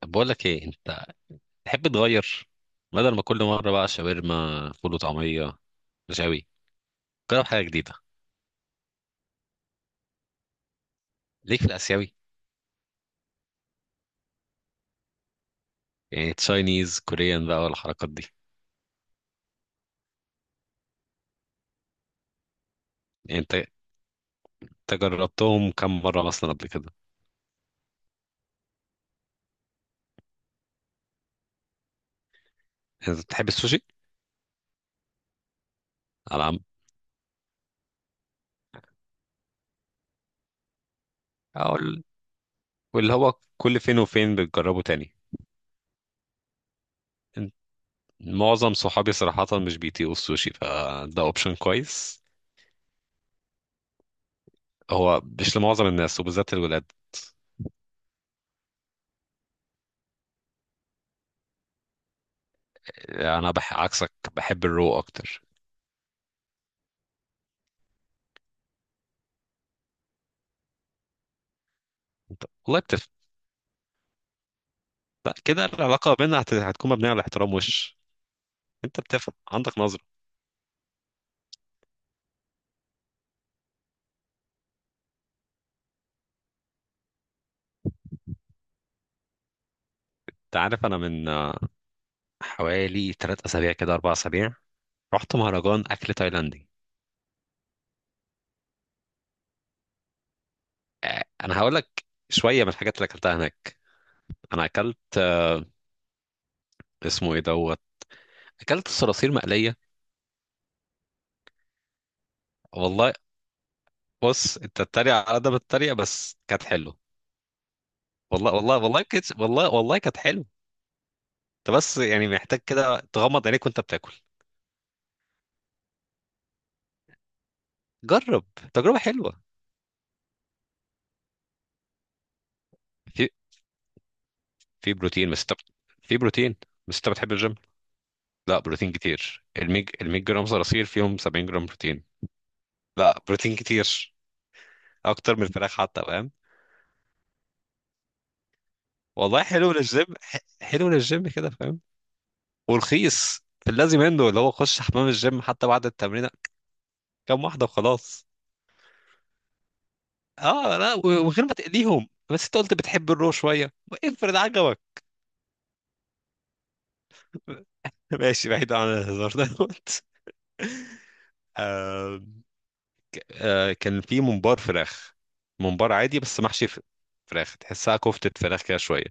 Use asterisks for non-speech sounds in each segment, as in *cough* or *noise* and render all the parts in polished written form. طب بقول لك ايه. انت تحب تغير بدل ما كل مره بقى شاورما فول وطعميه رشاوي. جرب حاجه جديده، ليك في الاسيوي، يعني تشاينيز كوريان بقى والحركات دي. يعني انت جربتهم كم مره مثلا قبل كده؟ انت بتحب السوشي على العام؟ او ال- واللي هو كل فين وفين بتجربه تاني. انت- معظم صحابي صراحه مش بيطيقوا السوشي، فده اوبشن كويس. هو مش لمعظم الناس وبالذات الولاد. عكسك بحب الرو اكتر. انت والله؟ لا كده العلاقة بيننا هتكون مبنية على الاحترام وش. انت بتفهم عندك نظرة. انت عارف انا من حوالي 3 اسابيع كده 4 اسابيع رحت مهرجان اكل تايلاندي. انا هقول لك شوية من الحاجات اللي اكلتها هناك. انا اكلت اسمه ايه اكلت صراصير مقلية. والله. بص، انت تتريق على قد ما تتريق بس كانت حلوه. والله والله والله كانت والله والله كانت حلوه. انت بس يعني محتاج كده تغمض عينيك وانت بتاكل. جرب، تجربة حلوة. في في بروتين، في بروتين بس انت بتحب الجيم. لا بروتين كتير، الميج الميج جرام صراصير فيهم 70 جرام بروتين. لا بروتين كتير، اكتر من الفراخ حتى فاهم. والله حلو للجيم، حلو للجيم كده فاهم. ورخيص. في اللازم منه، اللي هو خش حمام الجيم حتى بعد التمرين كام واحدة وخلاص. اه لا ومن غير ما تقليهم، بس انت قلت بتحب الرو شوية، افرض عجبك. *laughs* ماشي، بعيد عن الهزار. دوت آه *laughs* آه كان في ممبار فراخ. ممبار عادي بس محشي فراخ، تحسها كفتة فراخ كده شوية.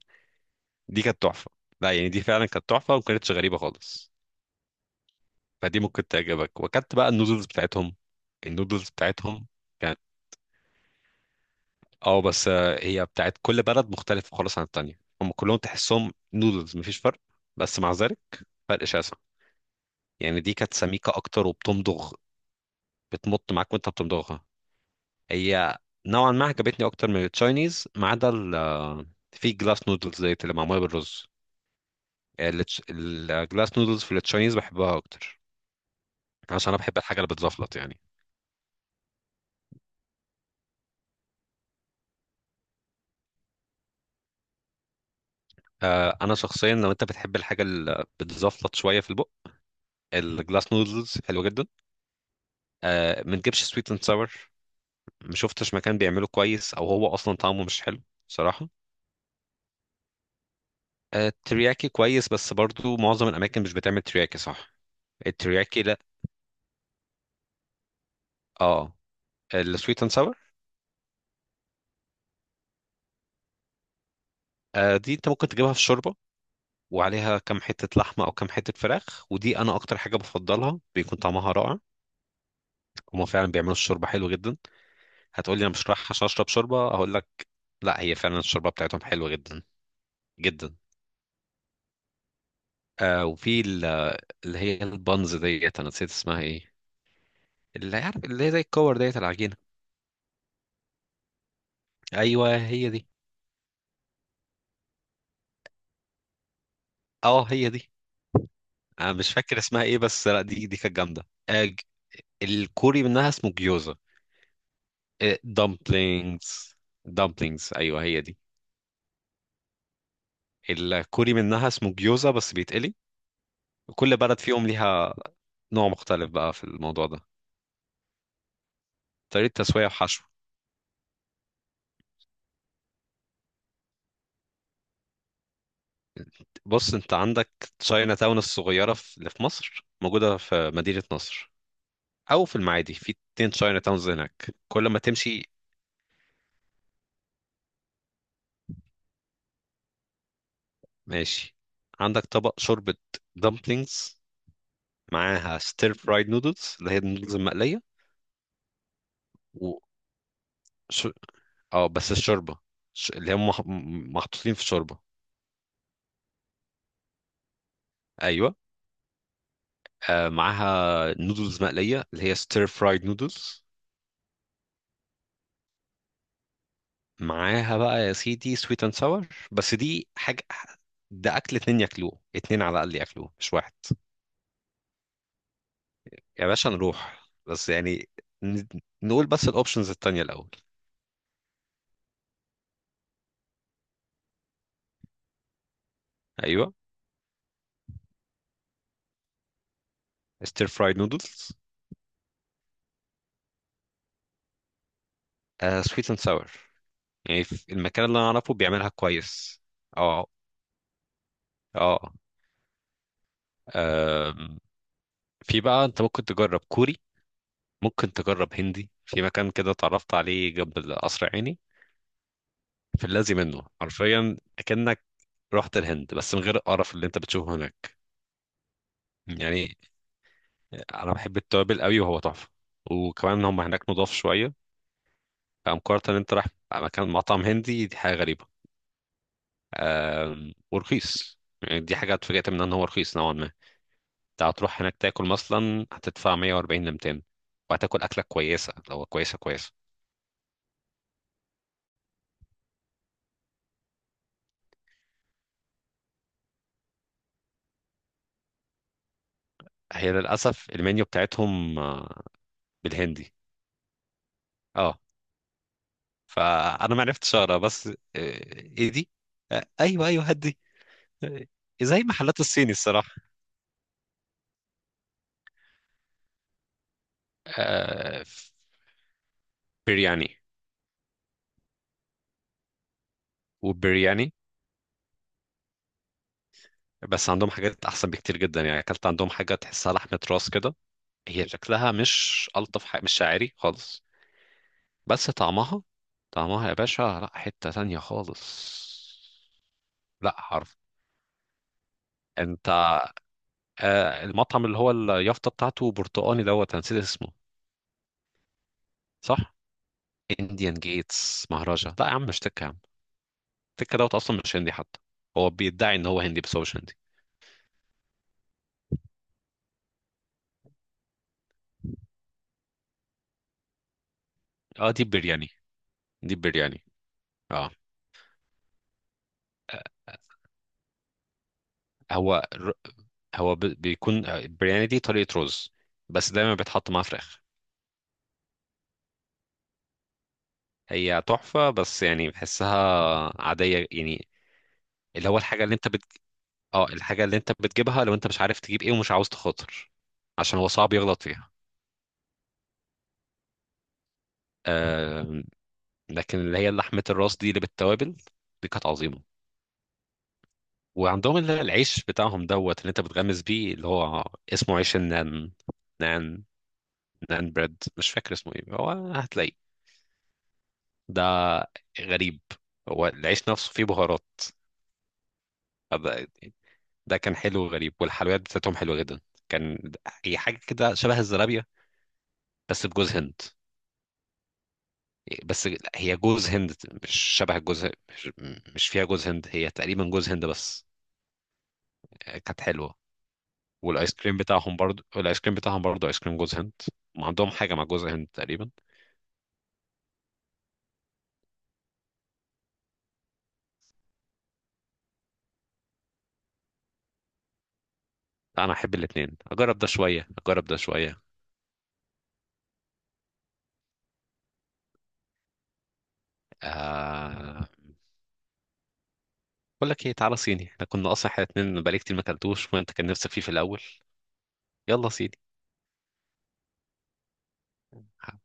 دي كانت تحفه. لا يعني دي فعلا كانت تحفه وما كانتش غريبه خالص. فدي ممكن تعجبك. وكانت بقى النودلز بتاعتهم، النودلز بتاعتهم كانت، اه بس هي بتاعت كل بلد مختلفه خالص عن التانيه. هم كلهم تحسهم نودلز، مفيش فرق، بس مع ذلك فرق شاسع. يعني دي كانت سميكه اكتر وبتمضغ، بتمط معاك وانت بتمضغها. هي نوعا ما عجبتني اكتر من التشاينيز، ما عدا في جلاس نودلز زي اللي معموله بالرز. الجلاس نودلز في التشاينيز بحبها اكتر، يعني عشان انا بحب الحاجه اللي بتزفلط يعني. آه انا شخصيا لو انت بتحب الحاجه اللي بتزفلط شويه في البق، الجلاس نودلز حلوه جدا. آه ما تجيبش سويت اند ساور، ما شفتش مكان بيعمله كويس، او هو اصلا طعمه مش حلو صراحه. آه الترياكي كويس، بس برضو معظم الاماكن مش بتعمل ترياكي صح. الترياكي لا. اه السويت اند ساور. آه دي انت ممكن تجيبها في شوربه وعليها كام حته لحمه او كام حته فراخ، ودي انا اكتر حاجه بفضلها، بيكون طعمها رائع. هما فعلا بيعملوا الشوربه حلو جدا. هتقول لي انا مش رايح عشان اشرب شوربه، هقول لك لا، هي فعلا الشوربه بتاعتهم حلوه جدا جدا. آه اللي هي البانز ديت، انا نسيت اسمها ايه، اللي عارف اللي هي زي الكور ديت العجينه. ايوه هي دي. اه هي دي. انا مش فاكر اسمها ايه بس لا، دي كانت جامده. آه ج- الكوري منها اسمه جيوزا. دامبلينجز. دامبلينجز ايوه هي دي. الكوري منها اسمه جيوزا بس بيتقلي. وكل بلد فيهم ليها نوع مختلف بقى في الموضوع ده. طريقه تسويه وحشو. بص انت عندك تشاينا تاون الصغيرة اللي في مصر موجودة في مدينة نصر، او في المعادي. في اتنين تشاينا تاونز هناك كل ما تمشي. ماشي. عندك طبق شوربة دمبلينجز، معاها ستير فرايد نودلز اللي هي النودلز المقلية، و ش... اه بس الشوربة اللي هم محطوطين في شوربة. ايوه. آه معاها نودلز مقلية اللي هي ستير فرايد نودلز. معاها بقى يا سيدي سويت اند ساور، بس دي حاجة ده أكل اتنين ياكلوه، اتنين على الأقل ياكلوه مش واحد. يا باشا نروح بس يعني ن- نقول بس الأوبشنز التانية الأول. أيوه ستير فرايد نودلز. سويت اند ساور، يعني في المكان اللي أنا أعرفه بيعملها كويس. اه. اه. آم، في بقى أنت ممكن تجرب كوري، ممكن تجرب هندي في مكان كده اتعرفت عليه جنب القصر عيني. في الذي منه حرفيا، كأنك رحت الهند بس من غير القرف اللي انت بتشوفه هناك. يعني انا بحب التوابل قوي وهو تحفه. وكمان هم هناك نضاف شويه، فمقارنه ان انت رايح مكان مطعم هندي دي حاجه غريبه. ورخيص يعني، دي حاجه اتفاجئت منها ان هو رخيص نوعا ما. انت هتروح هناك تاكل مثلا هتدفع 140 ل 200، وهتاكل اكله كويسه. لو كويسه كويسه. هي للاسف المنيو بتاعتهم بالهندي. اه. فانا ما عرفتش اقرا، بس ايه دي، ايوه ايوه هدي. آه، زي محلات الصيني الصراحه. آه، برياني. وبرياني. بس عندهم حاجات احسن بكتير جدا. يعني اكلت عندهم حاجه تحسها لحمه راس كده، هي شكلها مش الطف حاجه مش شاعري خالص، بس طعمها، طعمها يا باشا لا حته تانية خالص. لا حرف. انت المطعم اللي هو اليافطه بتاعته برتقاني، أنا نسيت اسمه. صح. انديان جيتس مهرجة، لا يا عم مش تكة يا عم. التكة اصلا مش هندي حتى، هو بيدعي ان هو هندي بس هو مش هندي. اه دي برياني. دي برياني. اه هو بيكون برياني دي طريقة رز، بس دايما بيتحط معاه فراخ. هي تحفة، بس يعني بحسها عادية يعني، اللي هو الحاجة اللي انت بت... اه الحاجة اللي انت بتجيبها لو انت مش عارف تجيب ايه ومش عاوز تخاطر، عشان هو صعب يغلط فيها. آه... لكن اللي هي لحمة الراس دي اللي بالتوابل، دي كانت عظيمة. وعندهم العيش بتاعهم اللي انت بتغمس بيه، اللي هو اسمه عيش النان. نان. نان بريد مش فاكر اسمه ايه، هو هتلاقيه. ده غريب، هو العيش نفسه فيه بهارات. ده، ده كان حلو وغريب. والحلويات بتاعتهم حلوة جدا، كان، هي حاجة كده شبه الزرابية بس بجوز هند. بس لا، هي جوز هند، مش شبه الجوز. مش, مش فيها جوز هند، هي تقريبا جوز هند بس. كانت حلوة. والايس كريم بتاعهم برضو، الايس كريم بتاعهم برضو ايس كريم جوز هند. ما عندهم حاجه مع جوز هند تقريبا. انا احب الاثنين، اجرب ده شويه اجرب ده شويه. آه... بقول لك ايه، تعالى صيني، احنا كنا اصلا احنا الاثنين بقالي كتير ما اكلتوش، وانت كان نفسك فيه في الاول. يلا صيني. ه-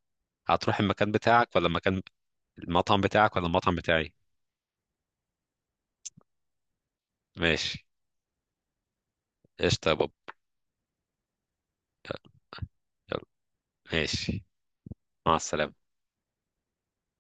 هتروح المكان بتاعك ولا المكان، المطعم بتاعك ولا المطعم بتاعي؟ ماشي. قشطه يا بابا. يلا. ماشي. مع السلامه.